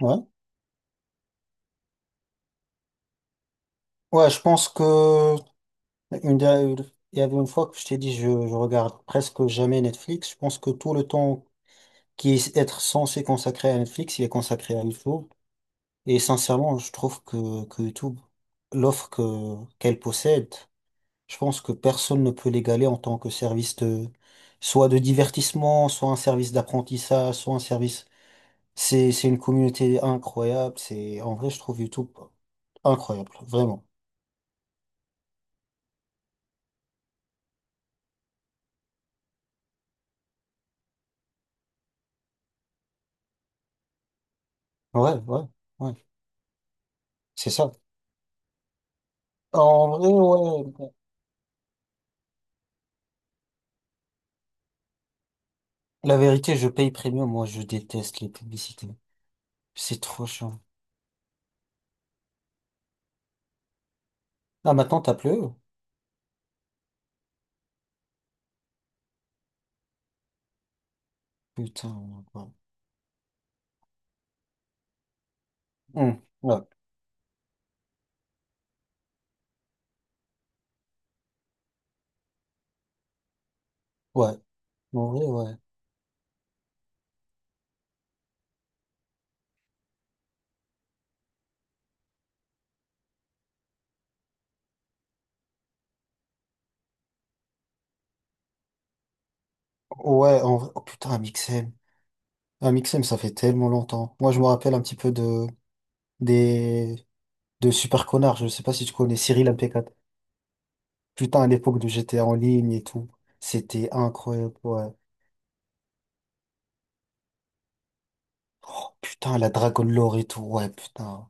Ouais. Ouais, je pense que une der- il y avait une fois que je t'ai dit je regarde presque jamais Netflix. Je pense que tout le temps qui est être censé consacré à Netflix, il est consacré à YouTube. Et sincèrement, je trouve que YouTube, l'offre que qu'elle possède, je pense que personne ne peut l'égaler en tant que service de soit de divertissement, soit un service d'apprentissage, soit un service c'est une communauté incroyable. C'est, en vrai, je trouve YouTube incroyable. Vraiment. Ouais, ouais, ouais. C'est ça. En vrai, ouais. La vérité, je paye premium. Moi, je déteste les publicités. C'est trop chiant. Ah, maintenant, t'as plus? Eux. Putain. Ouais. Ouais. Ouais. En vrai, ouais. Ouais, en vrai. Oh putain, un XM. Un XM, ça fait tellement longtemps. Moi, je me rappelle un petit peu des, de Super Connard. Je sais pas si tu connais Cyril mp. Putain, à l'époque de GTA en ligne et tout, c'était incroyable, ouais. Putain, la Dragon Lore et tout, ouais, putain.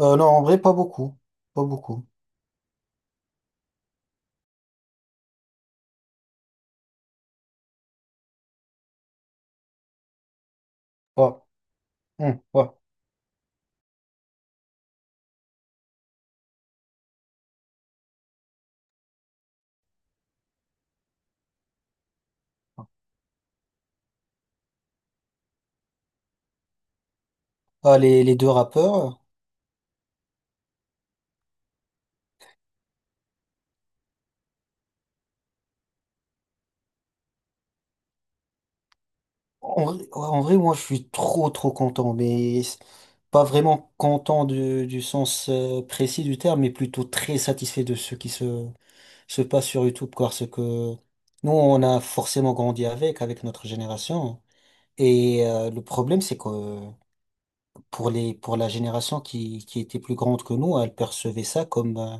Non, en vrai, pas beaucoup. Pas beaucoup. Ouais, hmm, ouais. Ah, les deux rappeurs, en vrai, ouais, en vrai, moi, je suis trop, trop content, mais c'est pas vraiment content du sens précis du terme, mais plutôt très satisfait de ce qui se passe sur YouTube, quoi, parce que nous, on a forcément grandi avec notre génération. Et le problème, c'est que pour la génération qui était plus grande que nous, elle percevait ça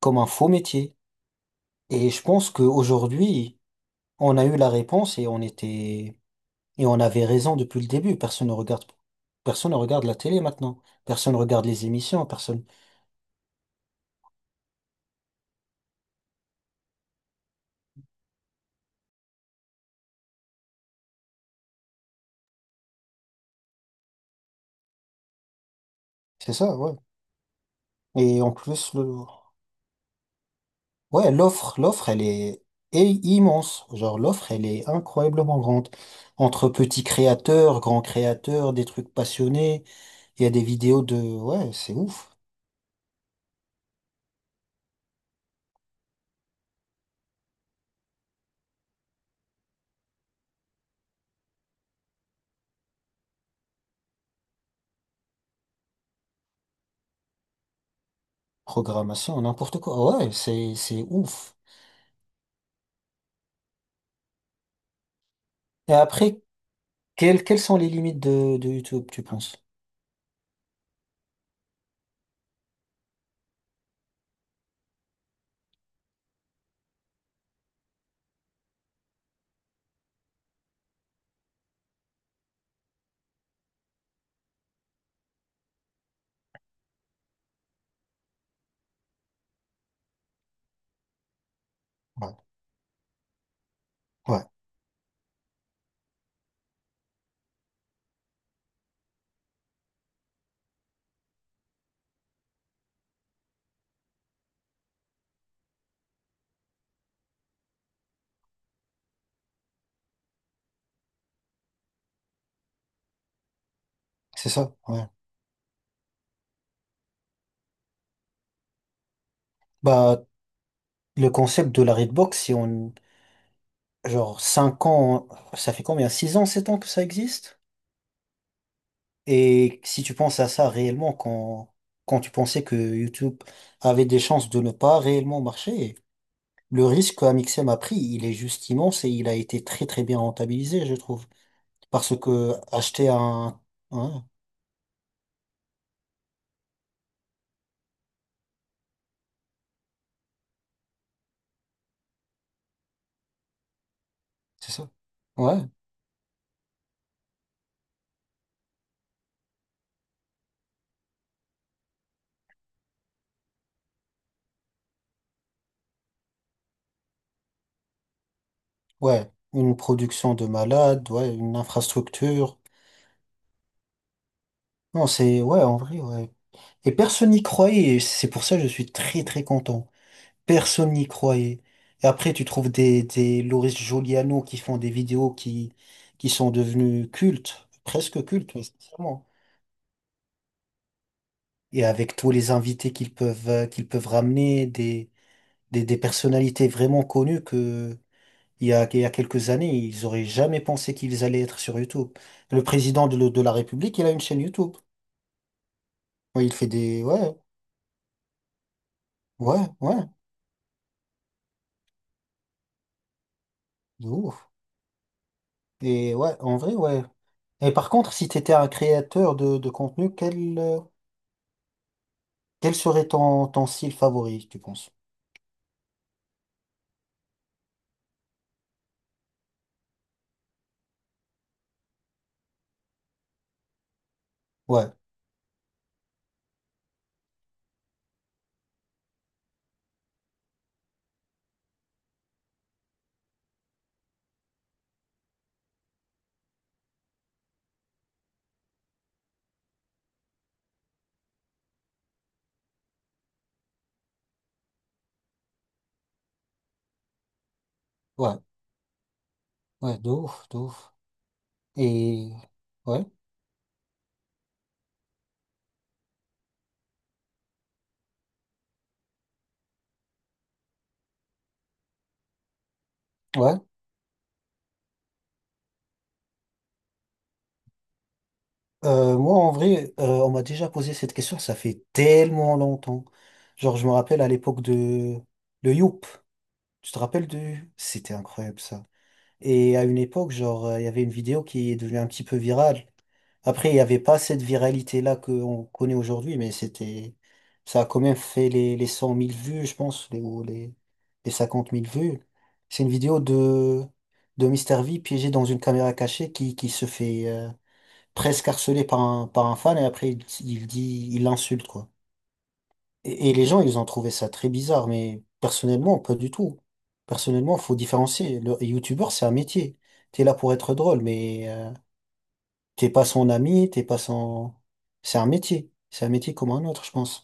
comme un faux métier. Et je pense qu'aujourd'hui, on a eu la réponse et et on avait raison depuis le début. Personne ne regarde la télé maintenant. Personne ne regarde les émissions, personne. C'est ça, ouais. Et en plus, l'offre, est immense. Genre, l'offre, elle est incroyablement grande. Entre petits créateurs, grands créateurs, des trucs passionnés, il y a des vidéos ouais, c'est ouf. Programmation, n'importe quoi. Ouais, c'est ouf. Et après, quelles sont les limites de YouTube, tu penses? Ouais, ouais, c'est ça, ouais. Bah, le concept de la Redbox, si on, genre, 5 ans, ça fait combien? 6 ans, 7 ans que ça existe? Et si tu penses à ça réellement quand tu pensais que YouTube avait des chances de ne pas réellement marcher, le risque qu'Amixem a pris, il est juste immense et il a été très très bien rentabilisé, je trouve. Parce que acheter un- C'est ça? Ouais, ouais. Une production de malade, ouais, une infrastructure. Non, c'est, ouais, en vrai, ouais. Et personne n'y croyait, et c'est pour ça que je suis très très content. Personne n'y croyait. Et après, tu trouves des Loris Giuliano qui font des vidéos qui sont devenues cultes, presque cultes, mais sincèrement. Et avec tous les invités qu'ils peuvent ramener, des personnalités vraiment connues que, il y a quelques années, ils auraient jamais pensé qu'ils allaient être sur YouTube. Le président de la République, il a une chaîne YouTube. Ouais, il fait des. Ouais, ouais, ouais, de ouf. Et ouais, en vrai, ouais. Et par contre, si tu étais un créateur de contenu, quel serait ton style favori, tu penses? Ouais, ouais, ouais, de ouf, de ouf. Et. Ouais, ouais. Moi, en vrai, on m'a déjà posé cette question, ça fait tellement longtemps. Genre, je me rappelle à l'époque de. Le Youp. Tu te rappelles de. C'était incroyable ça. Et à une époque, genre, il y avait une vidéo qui est devenue un petit peu virale. Après, il n'y avait pas cette viralité-là qu'on connaît aujourd'hui, mais c'était. Ça a quand même fait les 100 000 vues, je pense, ou les 50 000 vues. C'est une vidéo de Mister V piégé dans une caméra cachée qui se fait presque harceler par un fan et après, il dit, il l'insulte, quoi. Et les gens, ils ont trouvé ça très bizarre, mais personnellement, pas du tout. Personnellement, faut différencier. Le youtubeur, c'est un métier. T'es là pour être drôle, mais t'es pas son ami, t'es pas son. C'est un métier. C'est un métier comme un autre, je pense.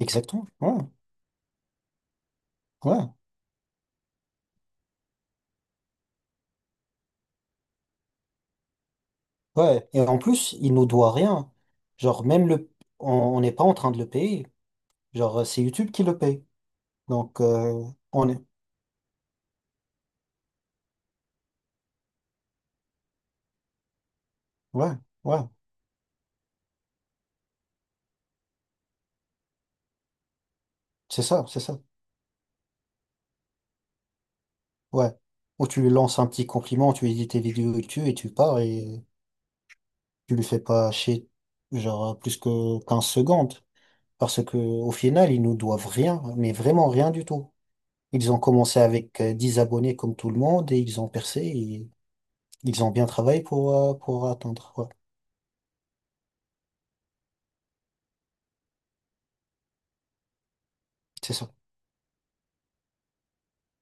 Exactement. Ouais, ouais, ouais. Et en plus, il nous doit rien. Genre, même le. On on n'est pas en train de le payer. Genre, c'est YouTube qui le paye. Donc, on est. Ouais, ouais. C'est ça, c'est ça. Ouais. Ou tu lui lances un petit compliment, tu lui dis tes vidéos et tu pars et. Tu le fais pas chez genre plus que 15 secondes parce que au final ils nous doivent rien mais vraiment rien du tout. Ils ont commencé avec 10 abonnés comme tout le monde et ils ont percé et ils ont bien travaillé pour atteindre. Ouais, c'est ça.